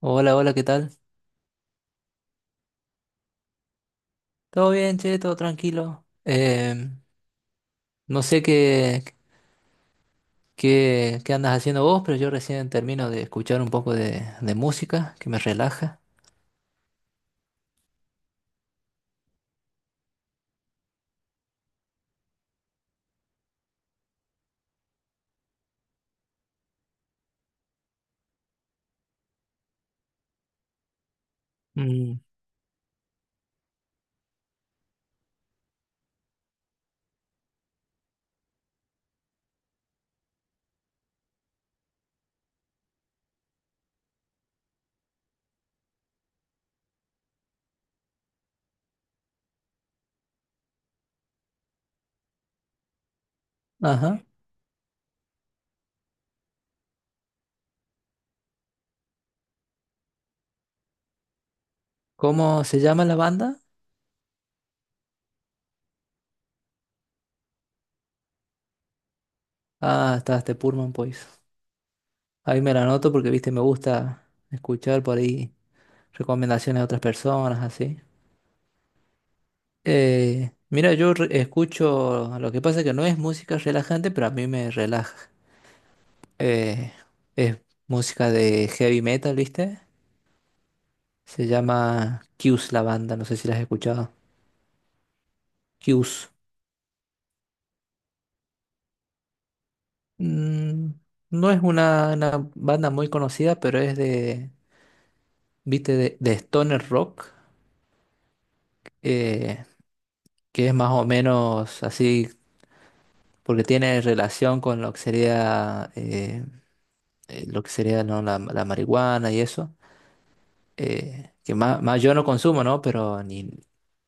Hola, hola, ¿qué tal? ¿Todo bien, che? ¿Todo tranquilo? No sé qué, qué andas haciendo vos, pero yo recién termino de escuchar un poco de música que me relaja. Mm. Ajá. ¿Cómo se llama la banda? Ah, está este Pullman Boys. Ahí me la anoto porque, viste, me gusta escuchar por ahí recomendaciones de otras personas, así. Mira, escucho, lo que pasa es que no es música relajante, pero a mí me relaja. Eh, es música de heavy metal, ¿viste? Se llama Q's la banda, no sé si la has escuchado. Q's. Mm, no es una banda muy conocida, pero es de, ¿viste? De stoner rock, eh, que es más o menos así, porque tiene relación con lo que sería, ¿no?, la marihuana y eso. Que más, más yo no consumo, ¿no? Pero ni,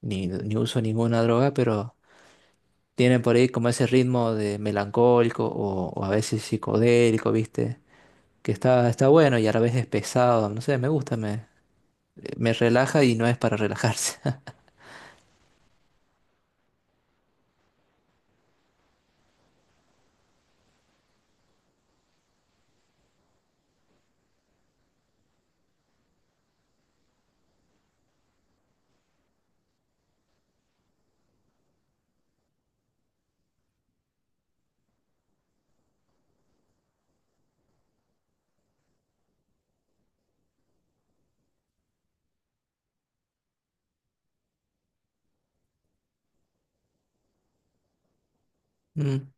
ni, ni uso ninguna droga, pero tienen por ahí como ese ritmo de melancólico o a veces psicodélico, ¿viste? Que está bueno y a la vez es pesado, no sé, me gusta, me relaja y no es para relajarse. Mm.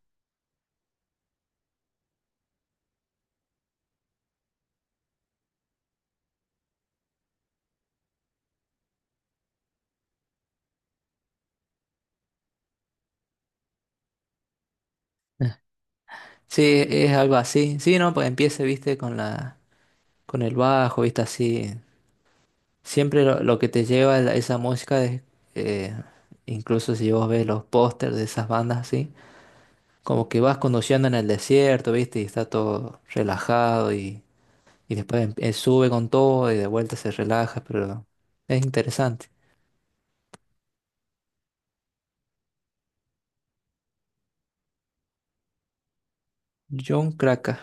Sí, es algo así. Sí, no, pues empiece, viste, con con el bajo, viste, así. Siempre lo que te lleva a esa música es, eh, incluso si vos ves los pósters de esas bandas así, como que vas conduciendo en el desierto, viste, y está todo relajado. Y después sube con todo y de vuelta se relaja, pero es interesante. John Kraka.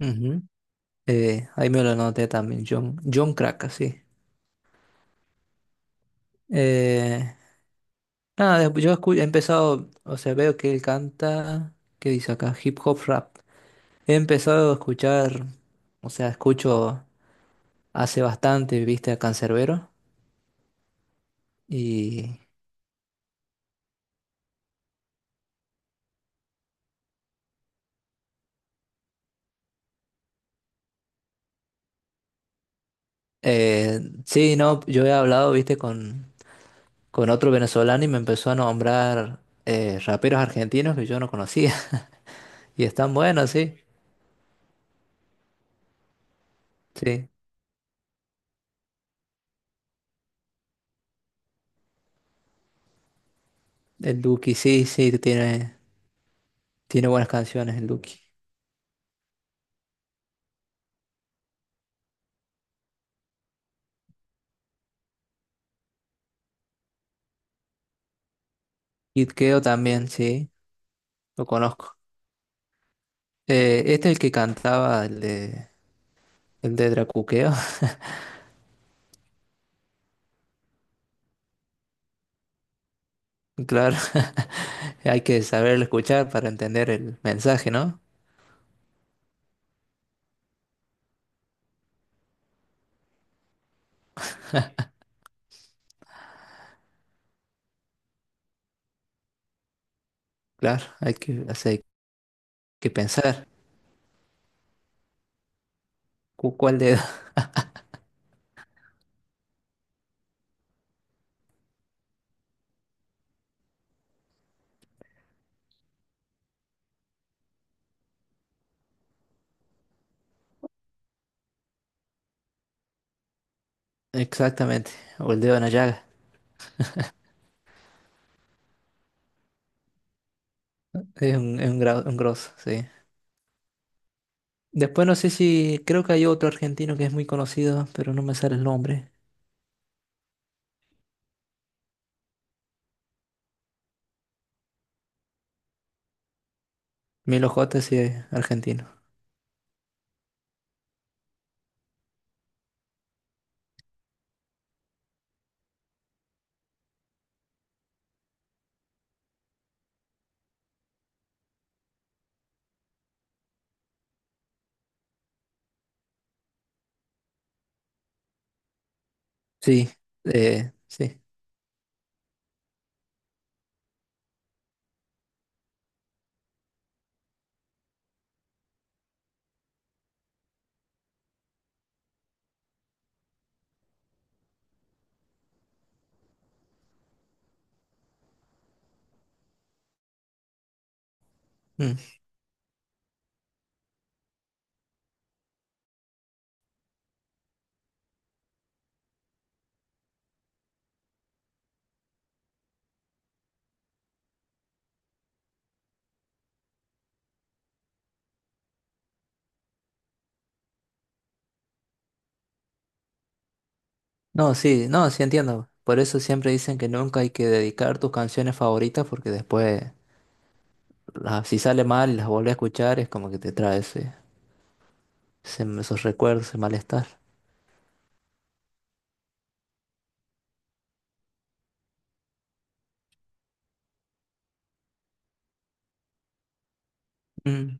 Ujú. Ahí me lo anoté también, John, John Kraka, sí. Eh, nada, he empezado, o sea, veo que él canta, ¿qué dice acá? Hip hop rap. He empezado a escuchar, o sea, escucho hace bastante, viste, a Canserbero. Y sí, no, yo he hablado, viste, con otro venezolano y me empezó a nombrar raperos argentinos que yo no conocía. Y están buenos, sí. Sí. El Duki, sí, sí, tiene, tiene buenas canciones el Duki. Kid Keo también, sí, lo conozco. Este es el que cantaba el de Dracuqueo. Claro, hay que saberlo escuchar para entender el mensaje, ¿no? Claro, hay que, o sea, hay que pensar. ¿Cu- ¿Cuál dedo? Exactamente. O el dedo en la llaga. Es un, gra- un grosso, sí. Después no sé si, creo que hay otro argentino que es muy conocido, pero no me sale el nombre. Milo J sí es argentino. Sí, sí. Mm. No, sí, no, sí entiendo. Por eso siempre dicen que nunca hay que dedicar tus canciones favoritas porque después, las- si sale mal y las vuelves a escuchar, es como que te trae ese- ese- esos recuerdos, ese malestar. Mm,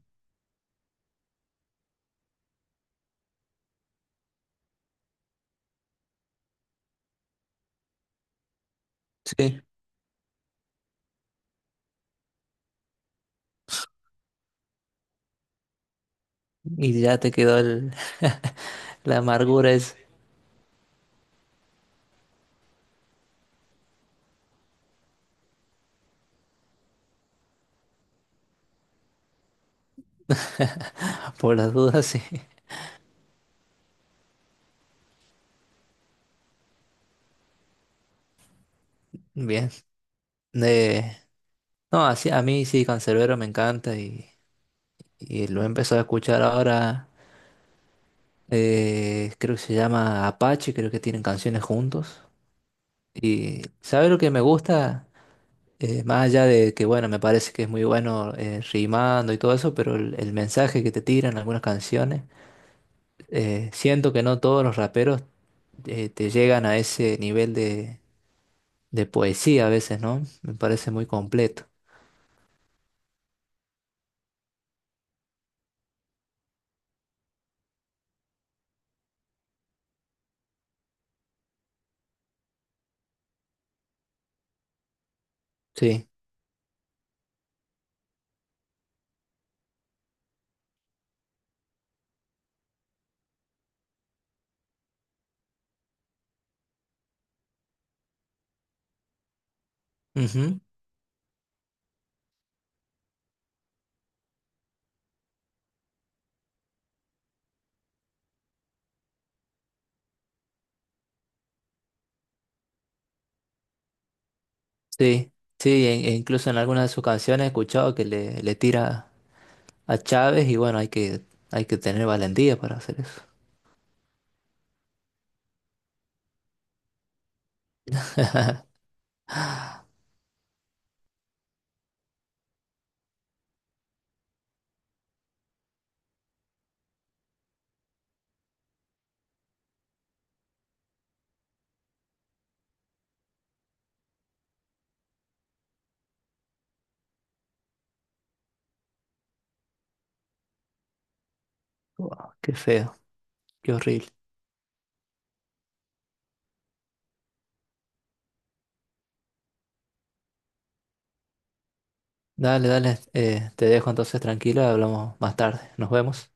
sí. Y ya te quedó el, la amargura es por las dudas, sí. Bien. Eh, No, así, a mí sí, Canserbero me encanta y lo he empezado a escuchar ahora. Creo que se llama Apache, creo que tienen canciones juntos. Y ¿sabes lo que me gusta? Más allá de que, bueno, me parece que es muy bueno rimando y todo eso, pero el mensaje que te tiran algunas canciones, siento que no todos los raperos te llegan a ese nivel de poesía a veces, ¿no? Me parece muy completo. Sí. Ujú. Sí, sí, e e incluso en algunas de sus canciones he escuchado que le tira a Chávez y bueno, hay que tener valentía para hacer eso. Wow, qué feo, qué horrible. Dale, dale, te dejo entonces tranquila, hablamos más tarde. Nos vemos.